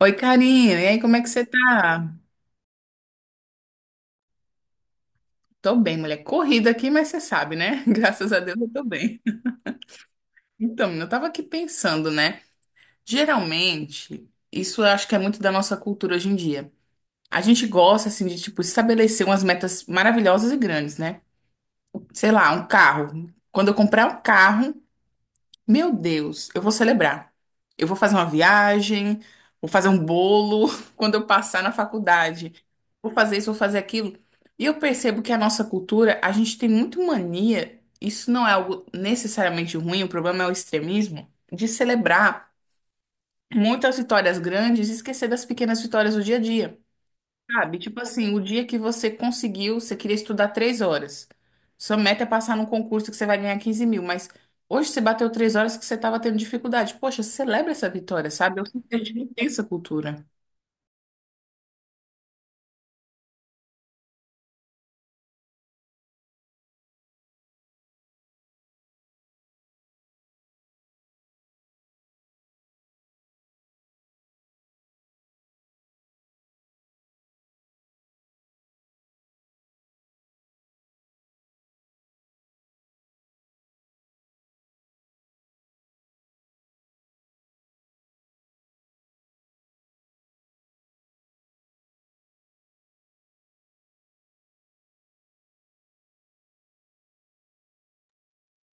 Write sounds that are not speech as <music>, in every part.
Oi, carinho. E aí, como é que você tá? Tô bem, mulher. Corrida aqui, mas você sabe, né? <laughs> Graças a Deus eu tô bem. Então, menina, eu tava aqui pensando, né? Geralmente, isso eu acho que é muito da nossa cultura hoje em dia. A gente gosta, assim, de, tipo, estabelecer umas metas maravilhosas e grandes, né? Sei lá, um carro. Quando eu comprar um carro, meu Deus, eu vou celebrar. Eu vou fazer uma viagem, vou fazer um bolo <laughs> quando eu passar na faculdade. Vou fazer isso, vou fazer aquilo. E eu percebo que a nossa cultura, a gente tem muito mania, isso não é algo necessariamente ruim, o problema é o extremismo, de celebrar muitas vitórias grandes e esquecer das pequenas vitórias do dia a dia. Sabe? Tipo assim, o dia que você conseguiu, você queria estudar 3 horas. Sua meta é passar num concurso que você vai ganhar 15 mil, mas hoje você bateu 3 horas que você estava tendo dificuldade. Poxa, celebra essa vitória, sabe? Eu sinto que a gente não tem essa cultura.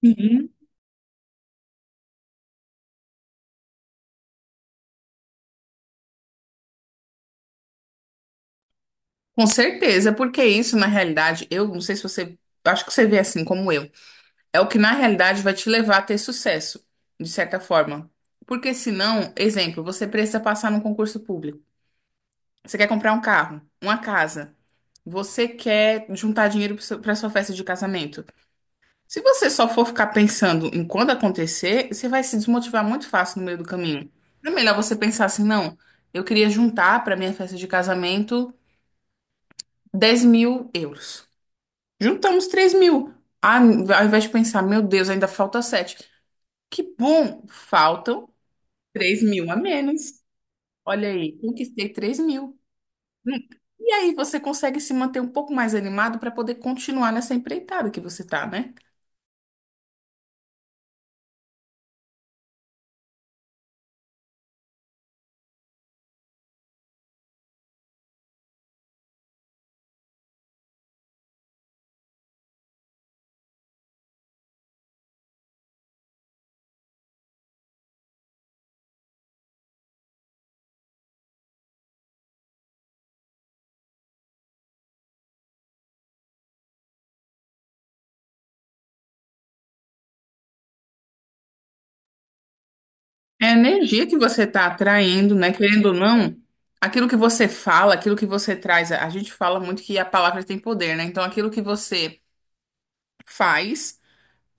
Uhum. Com certeza, porque isso, na realidade, eu não sei se você, acho que você vê assim como eu, é o que na realidade vai te levar a ter sucesso, de certa forma. Porque senão, exemplo, você precisa passar num concurso público. Você quer comprar um carro, uma casa. Você quer juntar dinheiro para sua festa de casamento? Se você só for ficar pensando em quando acontecer, você vai se desmotivar muito fácil no meio do caminho. É melhor você pensar assim, não, eu queria juntar para minha festa de casamento 10 mil euros. Juntamos 3 mil. Ah, ao invés de pensar, meu Deus, ainda falta 7. Que bom, faltam 3 mil a menos. Olha aí, conquistei 3 mil. Hum. E aí você consegue se manter um pouco mais animado para poder continuar nessa empreitada que você tá, né? É a energia que você está atraindo, né? Querendo ou não, aquilo que você fala, aquilo que você traz, a gente fala muito que a palavra tem poder, né? Então, aquilo que você faz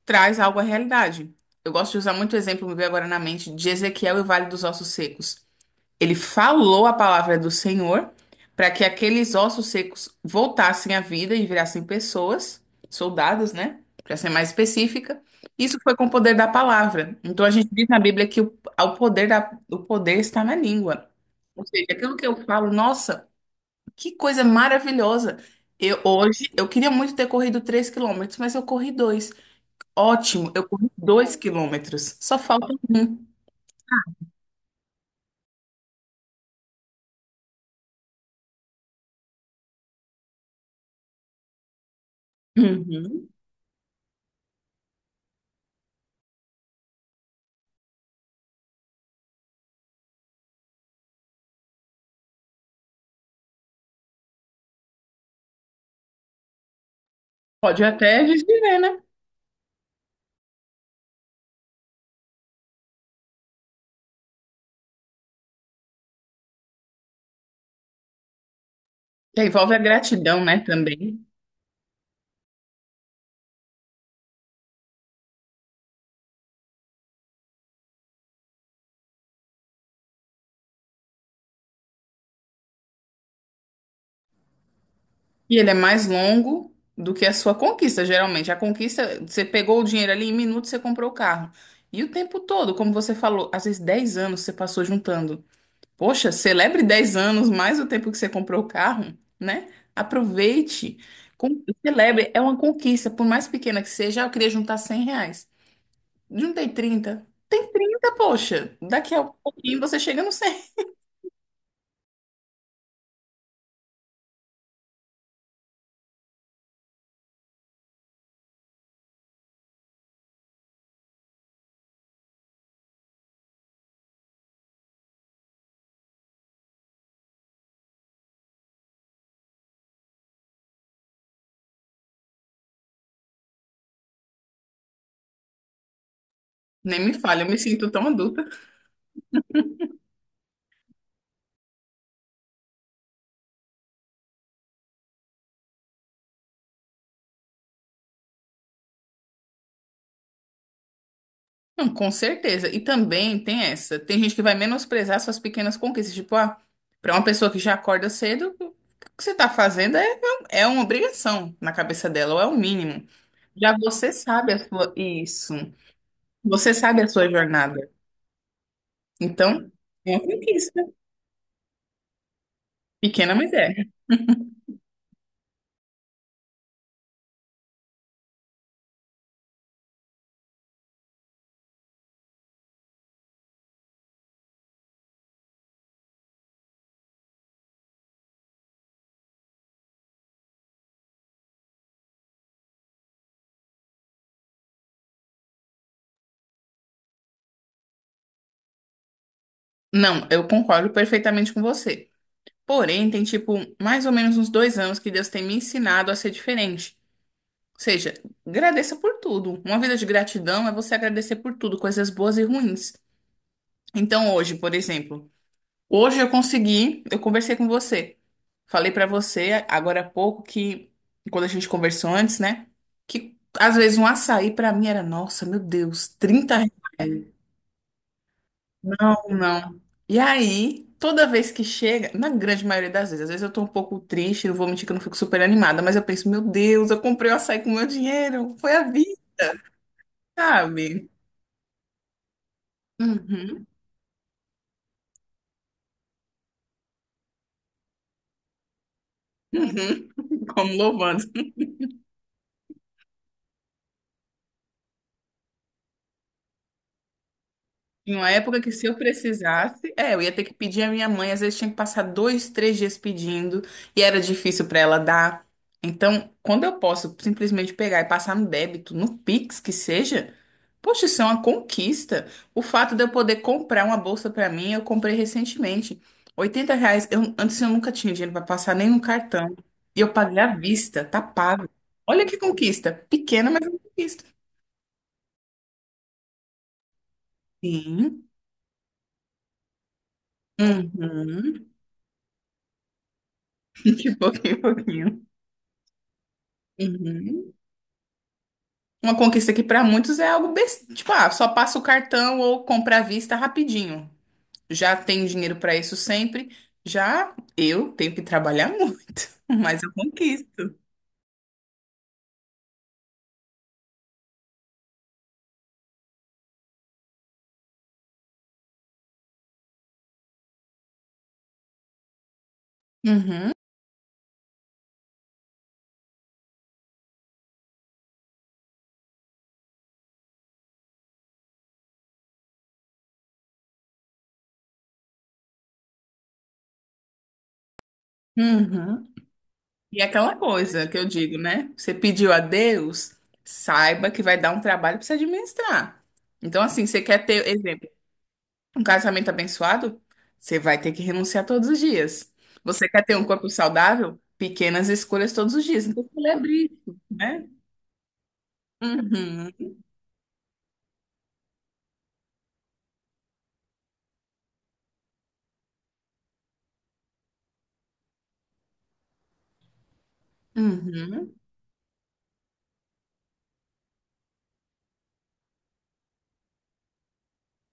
traz algo à realidade. Eu gosto de usar muito exemplo, me veio agora na mente, de Ezequiel e o Vale dos Ossos Secos. Ele falou a palavra do Senhor para que aqueles ossos secos voltassem à vida e virassem pessoas, soldados, né? Para ser mais específica. Isso foi com o poder da palavra. Então a gente diz na Bíblia que o poder está na língua. Ou seja, aquilo que eu falo, nossa, que coisa maravilhosa. Eu, hoje, eu queria muito ter corrido 3 quilômetros, mas eu corri dois. Ótimo, eu corri 2 quilômetros. Só falta um. Uhum. Pode até viver, né? É, envolve a gratidão, né, também. E ele é mais longo do que a sua conquista, geralmente. A conquista, você pegou o dinheiro ali, em minutos você comprou o carro. E o tempo todo, como você falou, às vezes 10 anos você passou juntando. Poxa, celebre 10 anos mais o tempo que você comprou o carro, né? Aproveite, celebre. É uma conquista, por mais pequena que seja. Ah, eu queria juntar 100 reais. Juntei 30. Tem 30, poxa. Daqui a pouquinho você chega no 100. Nem me fale, eu me sinto tão adulta. Não, com certeza. E também tem essa. Tem gente que vai menosprezar suas pequenas conquistas. Tipo, ah, pra uma pessoa que já acorda cedo, o que você tá fazendo é, é uma obrigação na cabeça dela, ou é o mínimo. Já você sabe a sua. Isso. Você sabe a sua jornada. Então, é uma conquista. Pequena, mas é. Não, eu concordo perfeitamente com você. Porém, tem, tipo, mais ou menos uns 2 anos que Deus tem me ensinado a ser diferente. Ou seja, agradeça por tudo. Uma vida de gratidão é você agradecer por tudo, coisas boas e ruins. Então, hoje, por exemplo, hoje eu consegui, eu conversei com você. Falei pra você agora há pouco que, quando a gente conversou antes, né? Que às vezes um açaí pra mim era, nossa, meu Deus, 30 reais. Não, não. E aí, toda vez que chega, na grande maioria das vezes, às vezes eu tô um pouco triste, não vou mentir que eu não fico super animada, mas eu penso, meu Deus, eu comprei o açaí com meu dinheiro, foi a vida, sabe? Uhum, uhum. <laughs> Como louvando. Em uma época que se eu precisasse, é, eu ia ter que pedir à minha mãe, às vezes tinha que passar dois, três dias pedindo, e era difícil para ela dar. Então, quando eu posso simplesmente pegar e passar no débito, no Pix que seja, poxa, isso é uma conquista. O fato de eu poder comprar uma bolsa para mim, eu comprei recentemente. 80 reais, eu, antes eu nunca tinha dinheiro para passar nem no cartão. E eu paguei à vista, tá pago. Olha que conquista. Pequena, mas é uma conquista. Sim. Uhum. <laughs> De pouquinho em pouquinho. Uhum. Uma conquista que para muitos é algo besta, tipo, ah, só passa o cartão ou compra à vista rapidinho. Já tem dinheiro para isso sempre. Já eu tenho que trabalhar muito, <laughs> mas eu conquisto. Uhum. Uhum. E é aquela coisa que eu digo, né? Você pediu a Deus, saiba que vai dar um trabalho para você administrar. Então, assim, você quer ter exemplo. Um casamento abençoado, você vai ter que renunciar todos os dias. Você quer ter um corpo saudável? Pequenas escolhas todos os dias. Então, celebre isso, né? Uhum, uhum.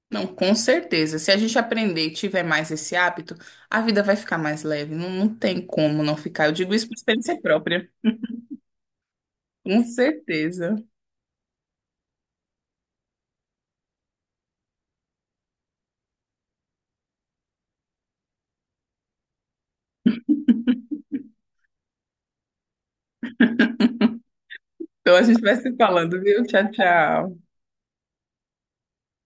Não, com certeza. Se a gente aprender e tiver mais esse hábito, a vida vai ficar mais leve. Não, não tem como não ficar. Eu digo isso por experiência própria. Com certeza. Então a gente vai se falando, viu? Tchau, tchau.